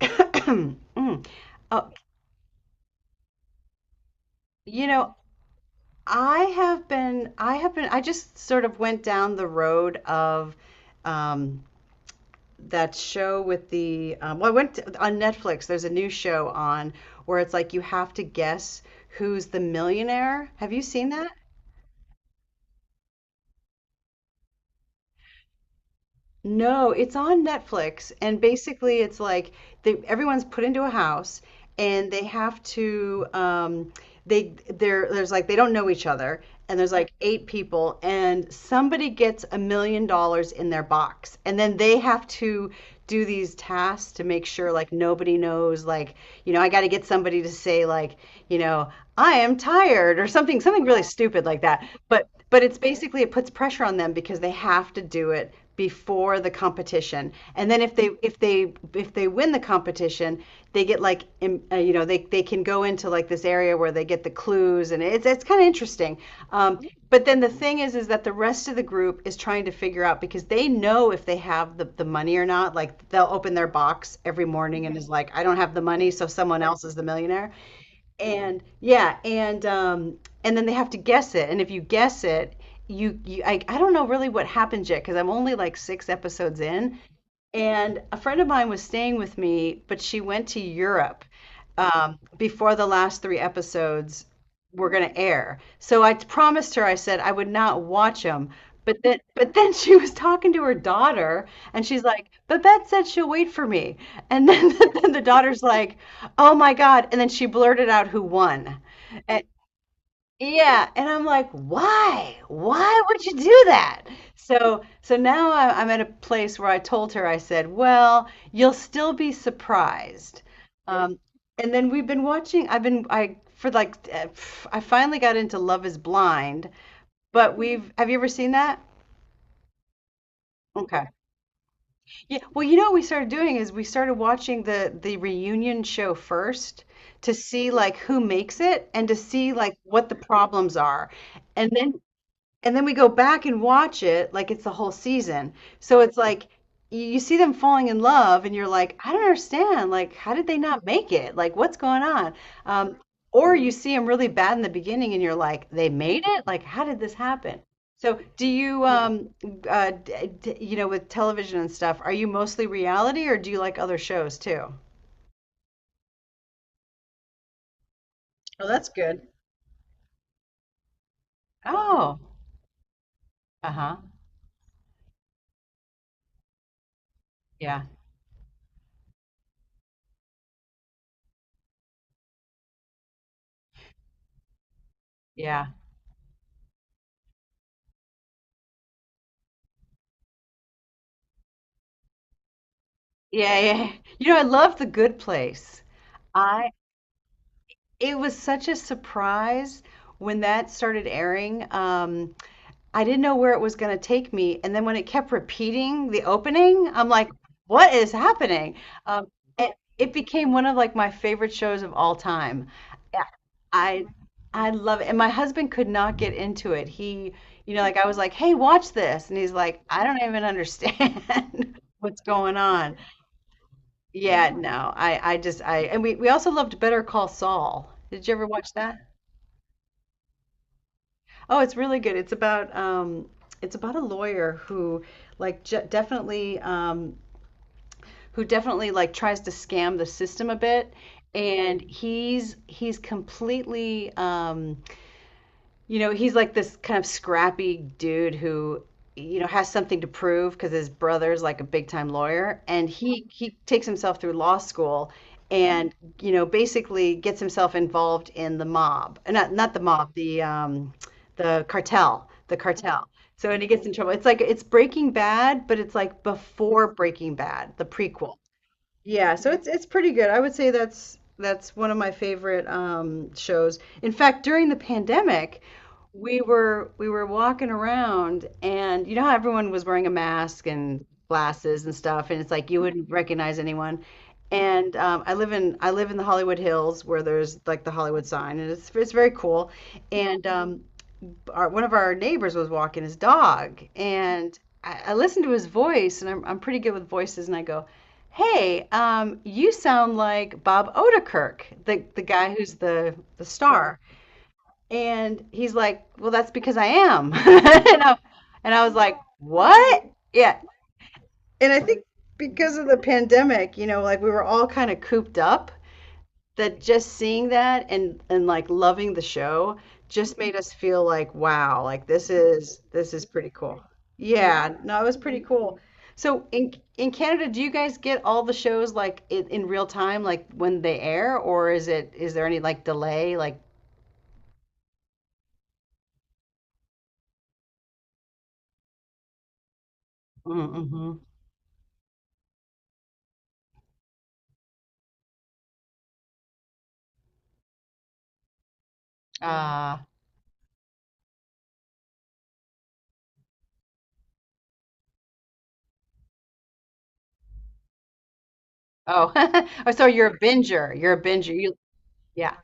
Mm. Uh, you know, I just sort of went down the road of um, that show with well, I went to, on Netflix, there's a new show on where it's like you have to guess who's the millionaire. Have you seen that? No, it's on Netflix, and basically it's like they, everyone's put into a house and they have to they there there's like they don't know each other, and there's like 8 people and somebody gets $1 million in their box, and then they have to do these tasks to make sure like nobody knows, like you know, I got to get somebody to say like, you know, I am tired or something, something really stupid like that. But it's basically, it puts pressure on them because they have to do it before the competition, and then if they win the competition, they get like you know, they can go into like this area where they get the clues, and it's kind of interesting. um, but then the thing is that the rest of the group is trying to figure out, because they know if they have the money or not, like they'll open their box every morning and is like, I don't have the money, so someone else is the millionaire. And yeah, and then they have to guess it. And if you guess it, I don't know really what happens yet, because I'm only like 6 episodes in. And a friend of mine was staying with me, but she went to Europe before the last 3 episodes were going to air. So I promised her, I said I would not watch them. But then she was talking to her daughter, and she's like, "Babette said she'll wait for me." And then, then the daughter's like, "Oh my God!" And then she blurted out who won. and, yeah, and I'm like, why? Why would you do that? So now I'm at a place where I told her, I said, well, you'll still be surprised. Yep. And then we've been watching, for like, I finally got into Love is Blind, but have you ever seen that? Okay. Yeah. Well, you know what we started doing, is we started watching the reunion show first, to see like who makes it and to see like what the problems are. And then and then we go back and watch it like it's the whole season. So it's like you see them falling in love, and you're like, I don't understand. Like, how did they not make it? Like, what's going on? Um, or you see them really bad in the beginning, and you're like, they made it? Like, how did this happen? So do you, you know, with television and stuff, are you mostly reality, or do you like other shows too? Oh, that's good. Oh, uh-huh. Yeah, yeah, yeah, yeah, yeah. You know, I love The Good Place. It was such a surprise when that started airing. I didn't know where it was going to take me. And then when it kept repeating the opening, I'm like, what is happening? Um, it, it became one of like my favorite shows of all time. Yeah, I I love it. And my husband could not get into it. He, you know, like I was like, "Hey, watch this." And he's like, "I don't even understand what's going on." Yeah, no. I and we also loved Better Call Saul. Did you ever watch that? Oh, it's really good. It's about a lawyer who like j definitely who definitely like tries to scam the system a bit, and he's completely you know, he's like this kind of scrappy dude who, you know, has something to prove because his brother's like a big time lawyer, and he takes himself through law school, and you know, basically gets himself involved in the mob. Not not the mob, the cartel, the cartel. So, and he gets in trouble. It's like it's Breaking Bad, but it's like before Breaking Bad, the prequel. Yeah, so it's pretty good. I would say that's one of my favorite shows. In fact, during the pandemic, we were walking around, and you know how everyone was wearing a mask and glasses and stuff, and it's like you wouldn't recognize anyone. And I live in the Hollywood Hills, where there's like the Hollywood sign, and it's very cool. And one of our neighbors was walking his dog, and I listened to his voice, and I'm pretty good with voices, and I go, "Hey, you sound like Bob Odenkirk, the guy who's the star." And he's like, "Well, that's because I am," I, and I was like, "What?" Yeah, and I think because of the pandemic, you know, like we were all kind of cooped up, that just seeing that and like loving the show just made us feel like, wow, like this is pretty cool. Yeah, no, it was pretty cool. So in Canada, do you guys get all the shows like in real time, like when they air, or is it, is there any like delay, like mm-hmm. Uh, oh. Oh, so you're a binger, you're a binger you Yeah,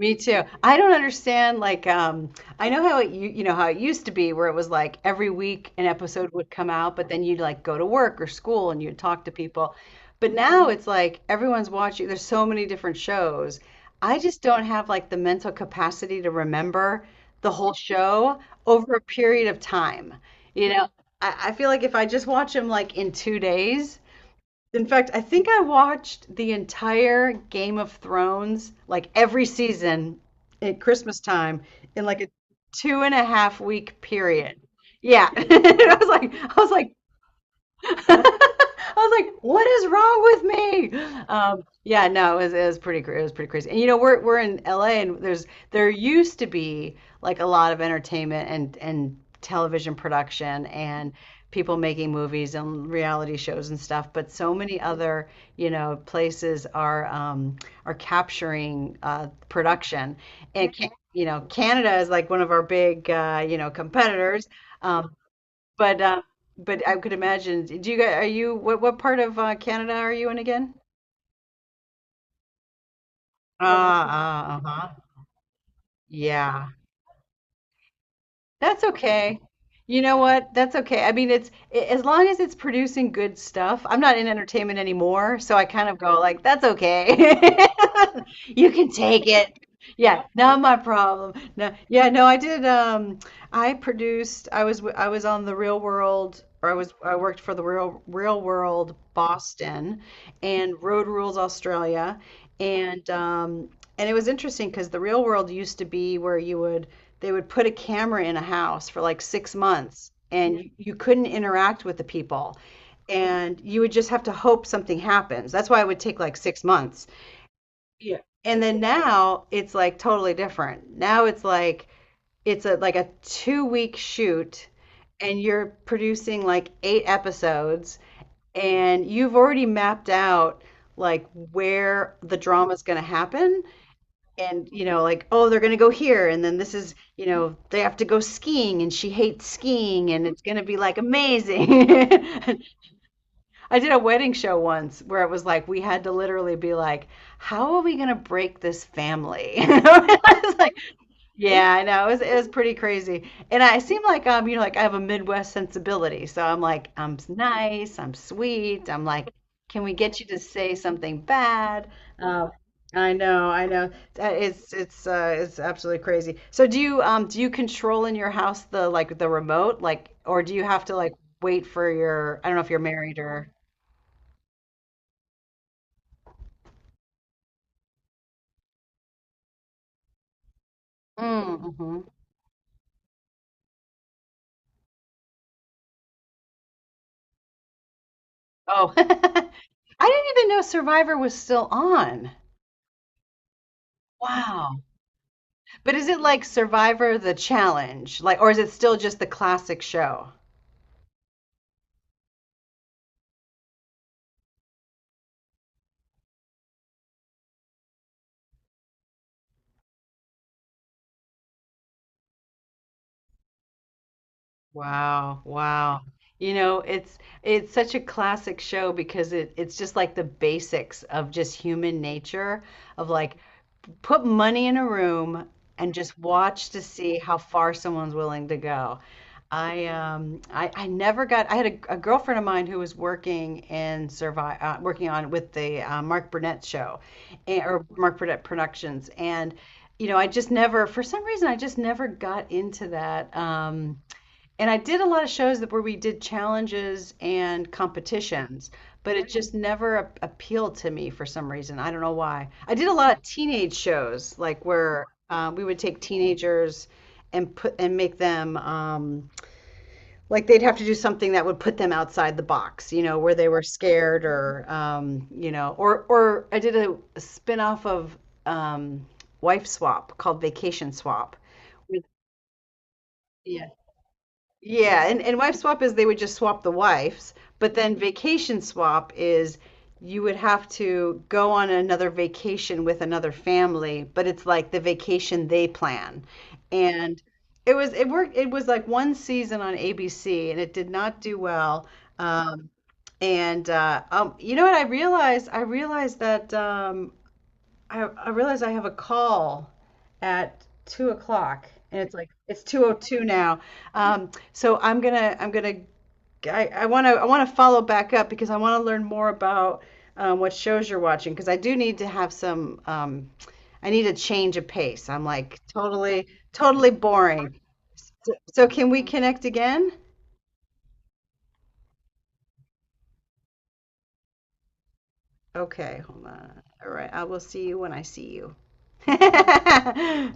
me too. I don't understand. Like, I know how it, you know how it used to be, where it was like every week an episode would come out, but then you'd like go to work or school and you'd talk to people. But now it's like everyone's watching. There's so many different shows. I just don't have like the mental capacity to remember the whole show over a period of time. You know, I feel like if I just watch them like in 2 days. In fact, I think I watched the entire Game of Thrones, like every season at Christmas time in like a two and a half week period. Yeah. I was like, "What is wrong with me?" Yeah, no, it was pretty crazy. And you know, we're in LA, and there used to be like a lot of entertainment and television production and people making movies and reality shows and stuff. But so many other, you know, places are capturing production, and can, you know, Canada is like one of our big you know, competitors. Um, but uh, but I could imagine. Do you guys, are you, what part of Canada are you in again? Uh-huh. Yeah, that's okay. You know what? That's okay. I mean, as long as it's producing good stuff. I'm not in entertainment anymore, so I kind of go like, that's okay. You can take it. Yeah, not my problem. No, yeah, no, I did I produced, I was on the Real World, or I was, I worked for the Real World Boston and Road Rules Australia, and um and it was interesting because the Real World used to be where you would, they would put a camera in a house for like 6 months, and you couldn't interact with the people, and you would just have to hope something happens. That's why it would take like 6 months. Yeah. And then now it's like totally different. Now it's like it's a like a 2 week shoot, and you're producing like 8 episodes, and you've already mapped out like where the drama is going to happen. And you know, like, oh, they're going to go here, and then this is, you know, they have to go skiing and she hates skiing, and it's going to be like amazing. I did a wedding show once where it was like we had to literally be like, how are we going to break this family? It's like, yeah, I know. It was pretty crazy. And I seem like, you know, like, I have a Midwest sensibility. So I'm like, nice, I'm sweet. I'm like, can we get you to say something bad? Um, I know, I know. It's absolutely crazy. So do you, do you control in your house the, like the remote, like, or do you have to like wait for your, I don't know if you're married or, mm, hmm. Oh. I didn't even know Survivor was still on. Wow. But is it like Survivor the challenge? Like, or is it still just the classic show? Wow, wow. You know, it's such a classic show because it, it's just like the basics of just human nature, of like, put money in a room and just watch to see how far someone's willing to go. I never got, I had a girlfriend of mine who was working in survive, working on with the Mark Burnett show and, or Mark Burnett Productions. And you know, I just never, for some reason, I just never got into that. And I did a lot of shows that where we did challenges and competitions, but it just never appealed to me for some reason. I don't know why. I did a lot of teenage shows, like where we would take teenagers and put and make them like they'd have to do something that would put them outside the box, you know, where they were scared. Or you know, or I did a spin-off of um, Wife Swap, called Vacation Swap. Yeah, and wife swap is they would just swap the wives, but then vacation swap is, you would have to go on another vacation with another family, but it's like the vacation they plan. And it was, it worked, it was like one season on ABC and it did not do well. Um, and you know what I realized? I realized that I realize I have a call at 2 o'clock, and it's like it's 2:02 now. Um, so I'm gonna I'm gonna I wanna, I wanna follow back up, because I wanna learn more about what shows you're watching, because I do need to have some, I need a change of pace. I'm like totally boring. So, can we connect again? Okay, hold on. All right, I will see you when I see you.